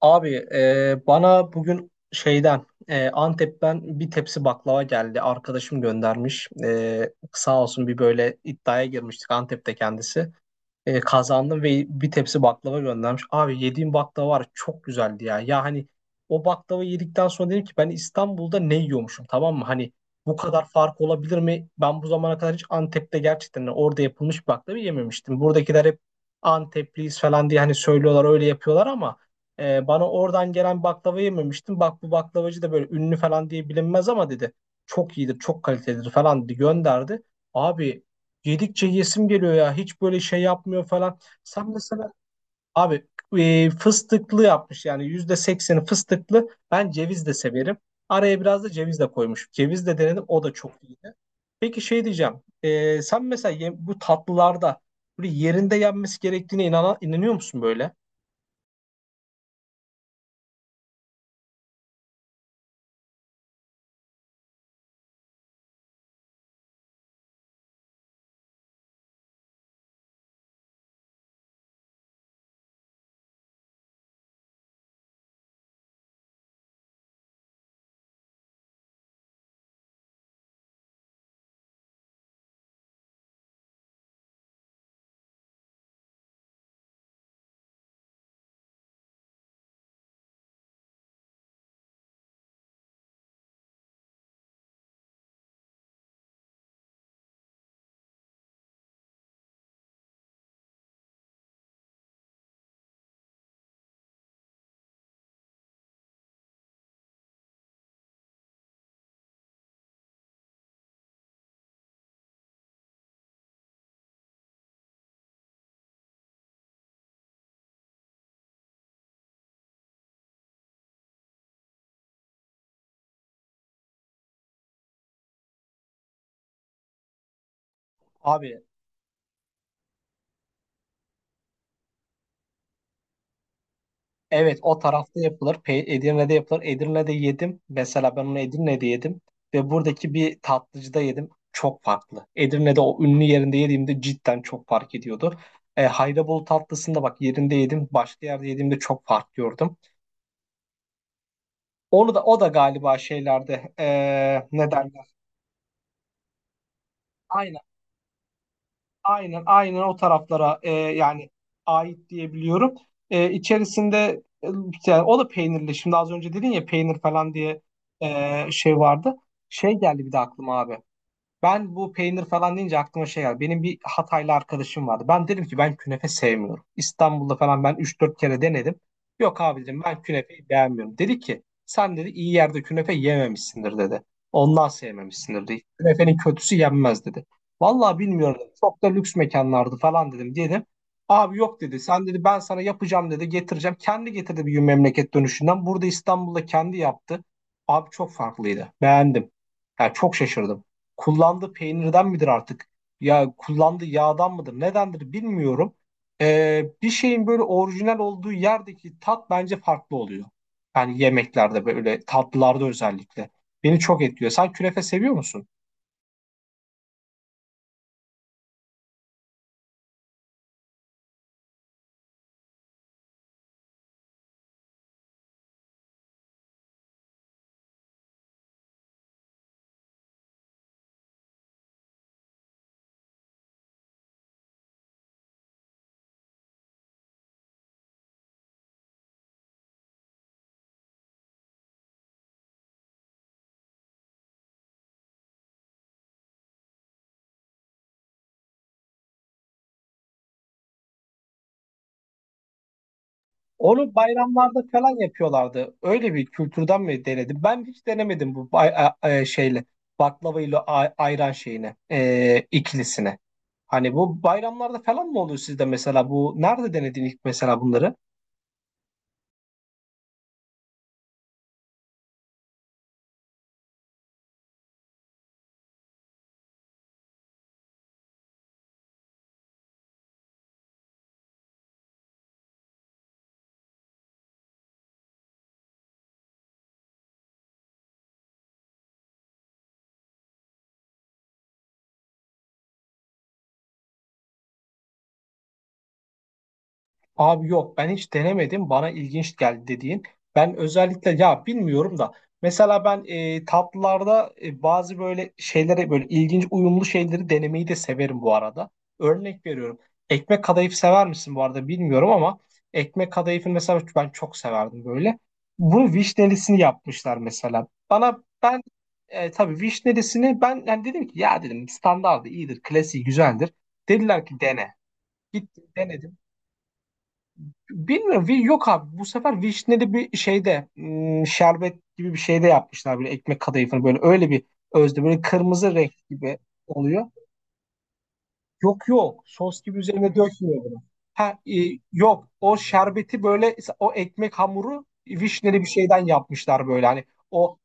Abi bana bugün şeyden Antep'ten bir tepsi baklava geldi. Arkadaşım göndermiş. Sağ olsun bir böyle iddiaya girmiştik Antep'te kendisi. Kazandım ve bir tepsi baklava göndermiş. Abi, yediğim baklava var ya, çok güzeldi ya. Ya hani o baklava yedikten sonra dedim ki ben İstanbul'da ne yiyormuşum, tamam mı? Hani bu kadar fark olabilir mi? Ben bu zamana kadar hiç Antep'te gerçekten orada yapılmış baklava yememiştim. Buradakiler hep Antepliyiz falan diye hani söylüyorlar, öyle yapıyorlar ama bana oradan gelen baklava yememiştim. Bak, bu baklavacı da böyle ünlü falan diye bilinmez ama dedi. Çok iyidir, çok kalitelidir falan dedi, gönderdi. Abi, yedikçe yesim geliyor ya. Hiç böyle şey yapmıyor falan. Sen mesela, abi, fıstıklı yapmış, yani %80'i fıstıklı. Ben ceviz de severim. Araya biraz da ceviz de koymuş. Ceviz de denedim, o da çok iyiydi. Peki şey diyeceğim. Sen mesela bu tatlılarda böyle yerinde yenmesi gerektiğine inanıyor musun böyle? Abi, evet, o tarafta yapılır. Pe Edirne'de yapılır. Edirne'de yedim. Mesela ben onu Edirne'de yedim. Ve buradaki bir tatlıcıda yedim. Çok farklı. Edirne'de o ünlü yerinde yediğimde cidden çok fark ediyordu. Haydabolu tatlısında bak yerinde yedim. Başka yerde yediğimde çok fark gördüm. Onu da, o da galiba şeylerde ne derler? Aynen aynen, o taraflara yani ait diyebiliyorum. İçerisinde e, yani o da peynirli. Şimdi az önce dedin ya, peynir falan diye şey vardı. Şey geldi bir de aklıma abi. Ben bu peynir falan deyince aklıma şey geldi. Benim bir Hataylı arkadaşım vardı. Ben dedim ki ben künefe sevmiyorum. İstanbul'da falan ben 3-4 kere denedim. Yok abi, dedim, ben künefeyi beğenmiyorum. Dedi ki sen, dedi, iyi yerde künefe yememişsindir, dedi. Ondan sevmemişsindir, dedi. Künefenin kötüsü yenmez, dedi. Vallahi bilmiyorum, dedi. Çok da lüks mekanlardı falan dedim. Dedim abi, yok dedi. Sen, dedi, ben sana yapacağım dedi, getireceğim. Kendi getirdi bir gün memleket dönüşünden. Burada İstanbul'da kendi yaptı. Abi, çok farklıydı. Beğendim. Yani çok şaşırdım, kullandığı peynirden midir artık? Ya kullandığı yağdan mıdır? Nedendir bilmiyorum. Bir şeyin böyle orijinal olduğu yerdeki tat bence farklı oluyor. Yani yemeklerde, böyle tatlılarda özellikle. Beni çok etkiliyor. Sen künefe seviyor musun? Onu bayramlarda falan yapıyorlardı. Öyle bir kültürden mi denedim? Ben hiç denemedim bu şeyle baklava ile ayran şeyine, ikilisine. Hani bu bayramlarda falan mı oluyor sizde mesela, bu nerede denedin ilk mesela bunları? Abi yok, ben hiç denemedim, bana ilginç geldi dediğin. Ben özellikle, ya bilmiyorum da mesela ben tatlılarda bazı böyle şeylere, böyle ilginç uyumlu şeyleri denemeyi de severim bu arada. Örnek veriyorum. Ekmek kadayıf sever misin bu arada bilmiyorum ama ekmek kadayıfını mesela ben çok severdim böyle. Bunu vişnelisini yapmışlar mesela. Bana ben tabii vişnelisini, ben yani dedim ki, ya dedim, standardı iyidir, klasiği güzeldir. Dediler ki dene. Gittim, denedim. Bilmiyorum. Wish yok abi. Bu sefer vişneli bir şeyde, şerbet gibi bir şeyde yapmışlar böyle ekmek kadayıfını, böyle öyle bir özde böyle kırmızı renk gibi oluyor. Yok yok. Sos gibi üzerine dökmüyor bunu. Ha, yok. O şerbeti böyle, o ekmek hamuru vişneli bir şeyden yapmışlar böyle, hani o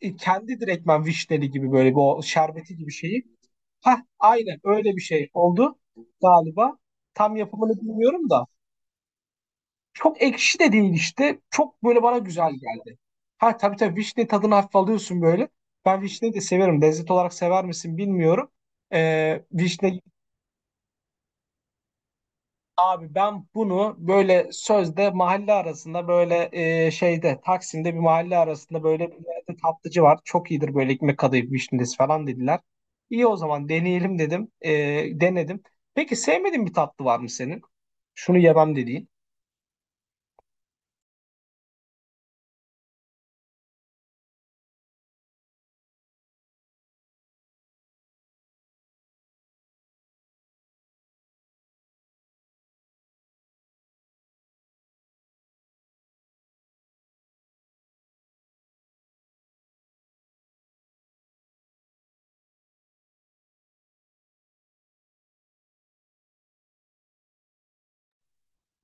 kendi direktmen vişneli gibi böyle bir o şerbeti gibi şeyi. Ha aynen, öyle bir şey oldu galiba. Tam yapımını bilmiyorum da. Çok ekşi de değil işte. Çok böyle bana güzel geldi. Ha tabii tabii, vişne tadını hafif alıyorsun böyle. Ben vişneyi de severim. Lezzet olarak sever misin bilmiyorum. Vişne abi ben bunu böyle sözde mahalle arasında, böyle şeyde, Taksim'de bir mahalle arasında böyle bir yerde tatlıcı var. Çok iyidir böyle ekmek kadayıf vişnesi falan dediler. İyi, o zaman deneyelim dedim. Denedim. Peki, sevmediğin bir tatlı var mı senin? Şunu yemem dediğin.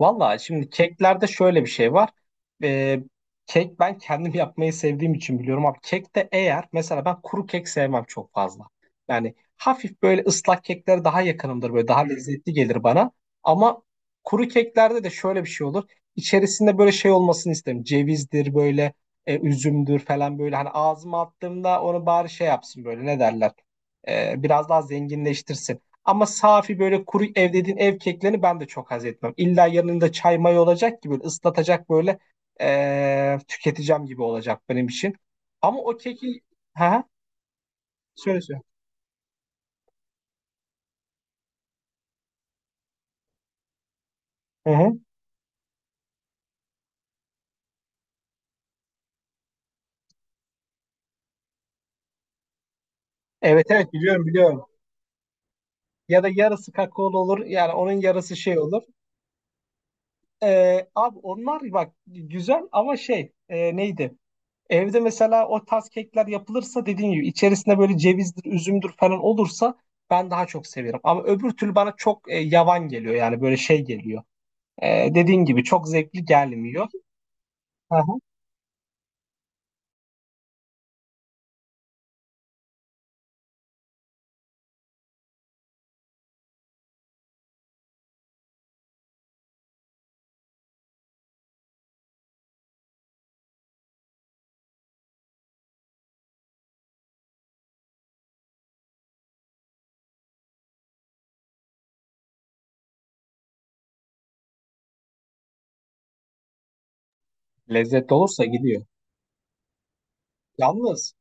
Valla şimdi keklerde şöyle bir şey var. Ee, kek ben kendim yapmayı sevdiğim için biliyorum abi. Kekte eğer mesela, ben kuru kek sevmem çok fazla. Yani hafif böyle ıslak kekler daha yakınımdır, böyle daha lezzetli gelir bana. Ama kuru keklerde de şöyle bir şey olur. İçerisinde böyle şey olmasını isterim. Cevizdir böyle, üzümdür falan böyle. Hani ağzıma attığımda onu bari şey yapsın böyle, ne derler. Biraz daha zenginleştirsin. Ama safi böyle kuru ev dediğin, ev keklerini ben de çok haz etmem. İlla yanında çay may olacak, gibi ıslatacak böyle tüketeceğim gibi olacak benim için. Ama o keki, ha, söyle söyle. Hı hı. Evet evet, biliyorum biliyorum. Ya da yarısı kakaolu olur, yani onun yarısı şey olur. Abi onlar bak güzel ama şey, neydi? Evde mesela o tarz kekler yapılırsa, dediğim gibi içerisinde böyle cevizdir, üzümdür falan olursa, ben daha çok severim. Ama öbür türlü bana çok yavan geliyor, yani böyle şey geliyor. Dediğin gibi çok zevkli gelmiyor. Aha. Lezzet olursa gidiyor. Yalnız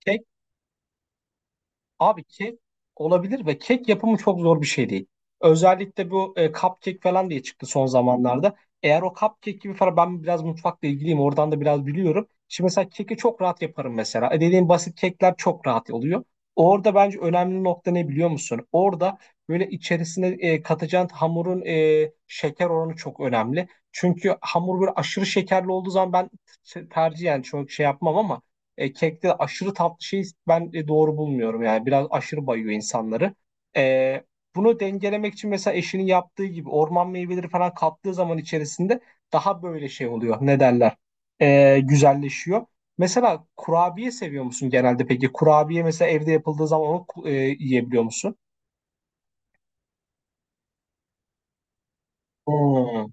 kek Abi, kek olabilir ve kek yapımı çok zor bir şey değil. Özellikle bu cupcake falan diye çıktı son zamanlarda. Eğer o cupcake gibi falan, ben biraz mutfakla ilgiliyim. Oradan da biraz biliyorum. Şimdi mesela keki çok rahat yaparım mesela. Dediğim basit kekler çok rahat oluyor. Orada bence önemli nokta ne biliyor musun? Orada böyle içerisine katacağın hamurun şeker oranı çok önemli. Çünkü hamur böyle aşırı şekerli olduğu zaman ben tercihen çok şey yapmam ama kekte aşırı tatlı şeyi ben doğru bulmuyorum. Yani biraz aşırı bayıyor insanları. E, bunu dengelemek için mesela eşinin yaptığı gibi orman meyveleri falan kattığı zaman içerisinde daha böyle şey oluyor. Ne derler? Güzelleşiyor. Mesela kurabiye seviyor musun genelde peki? Kurabiye mesela evde yapıldığı zaman onu yiyebiliyor musun? Hmm,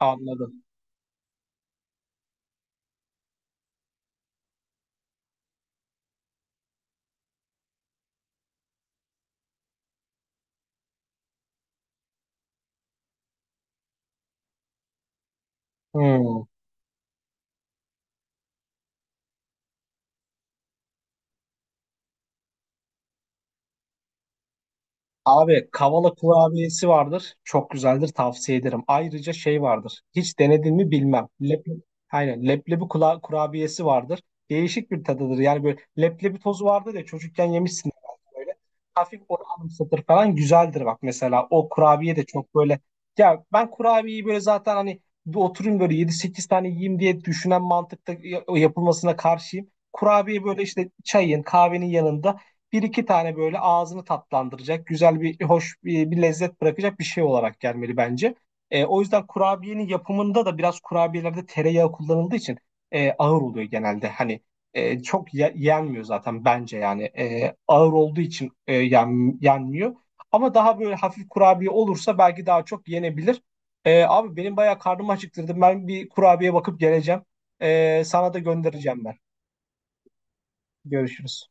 anladım. Hmm. Abi, kavala kurabiyesi vardır. Çok güzeldir, tavsiye ederim. Ayrıca şey vardır. Hiç denedin mi bilmem. Aynen, leblebi kurabiyesi vardır. Değişik bir tadıdır. Yani böyle leblebi tozu vardır ya, çocukken yemişsin belki böyle. Hafif onu anımsatır falan, güzeldir bak mesela. O kurabiye de çok böyle. Ya ben kurabiyeyi böyle zaten, hani bir oturayım böyle 7-8 tane yiyeyim diye düşünen mantıkta yapılmasına karşıyım. Kurabiye böyle işte çayın kahvenin yanında bir iki tane, böyle ağzını tatlandıracak, güzel bir, hoş bir, bir lezzet bırakacak bir şey olarak gelmeli bence. O yüzden kurabiyenin yapımında da biraz, kurabiyelerde tereyağı kullanıldığı için ağır oluyor genelde. Hani çok yenmiyor zaten bence, yani ağır olduğu için yenmiyor. Ama daha böyle hafif kurabiye olursa belki daha çok yenebilir. Abi benim bayağı karnımı acıktırdı. Ben bir kurabiye bakıp geleceğim. Sana da göndereceğim ben. Görüşürüz.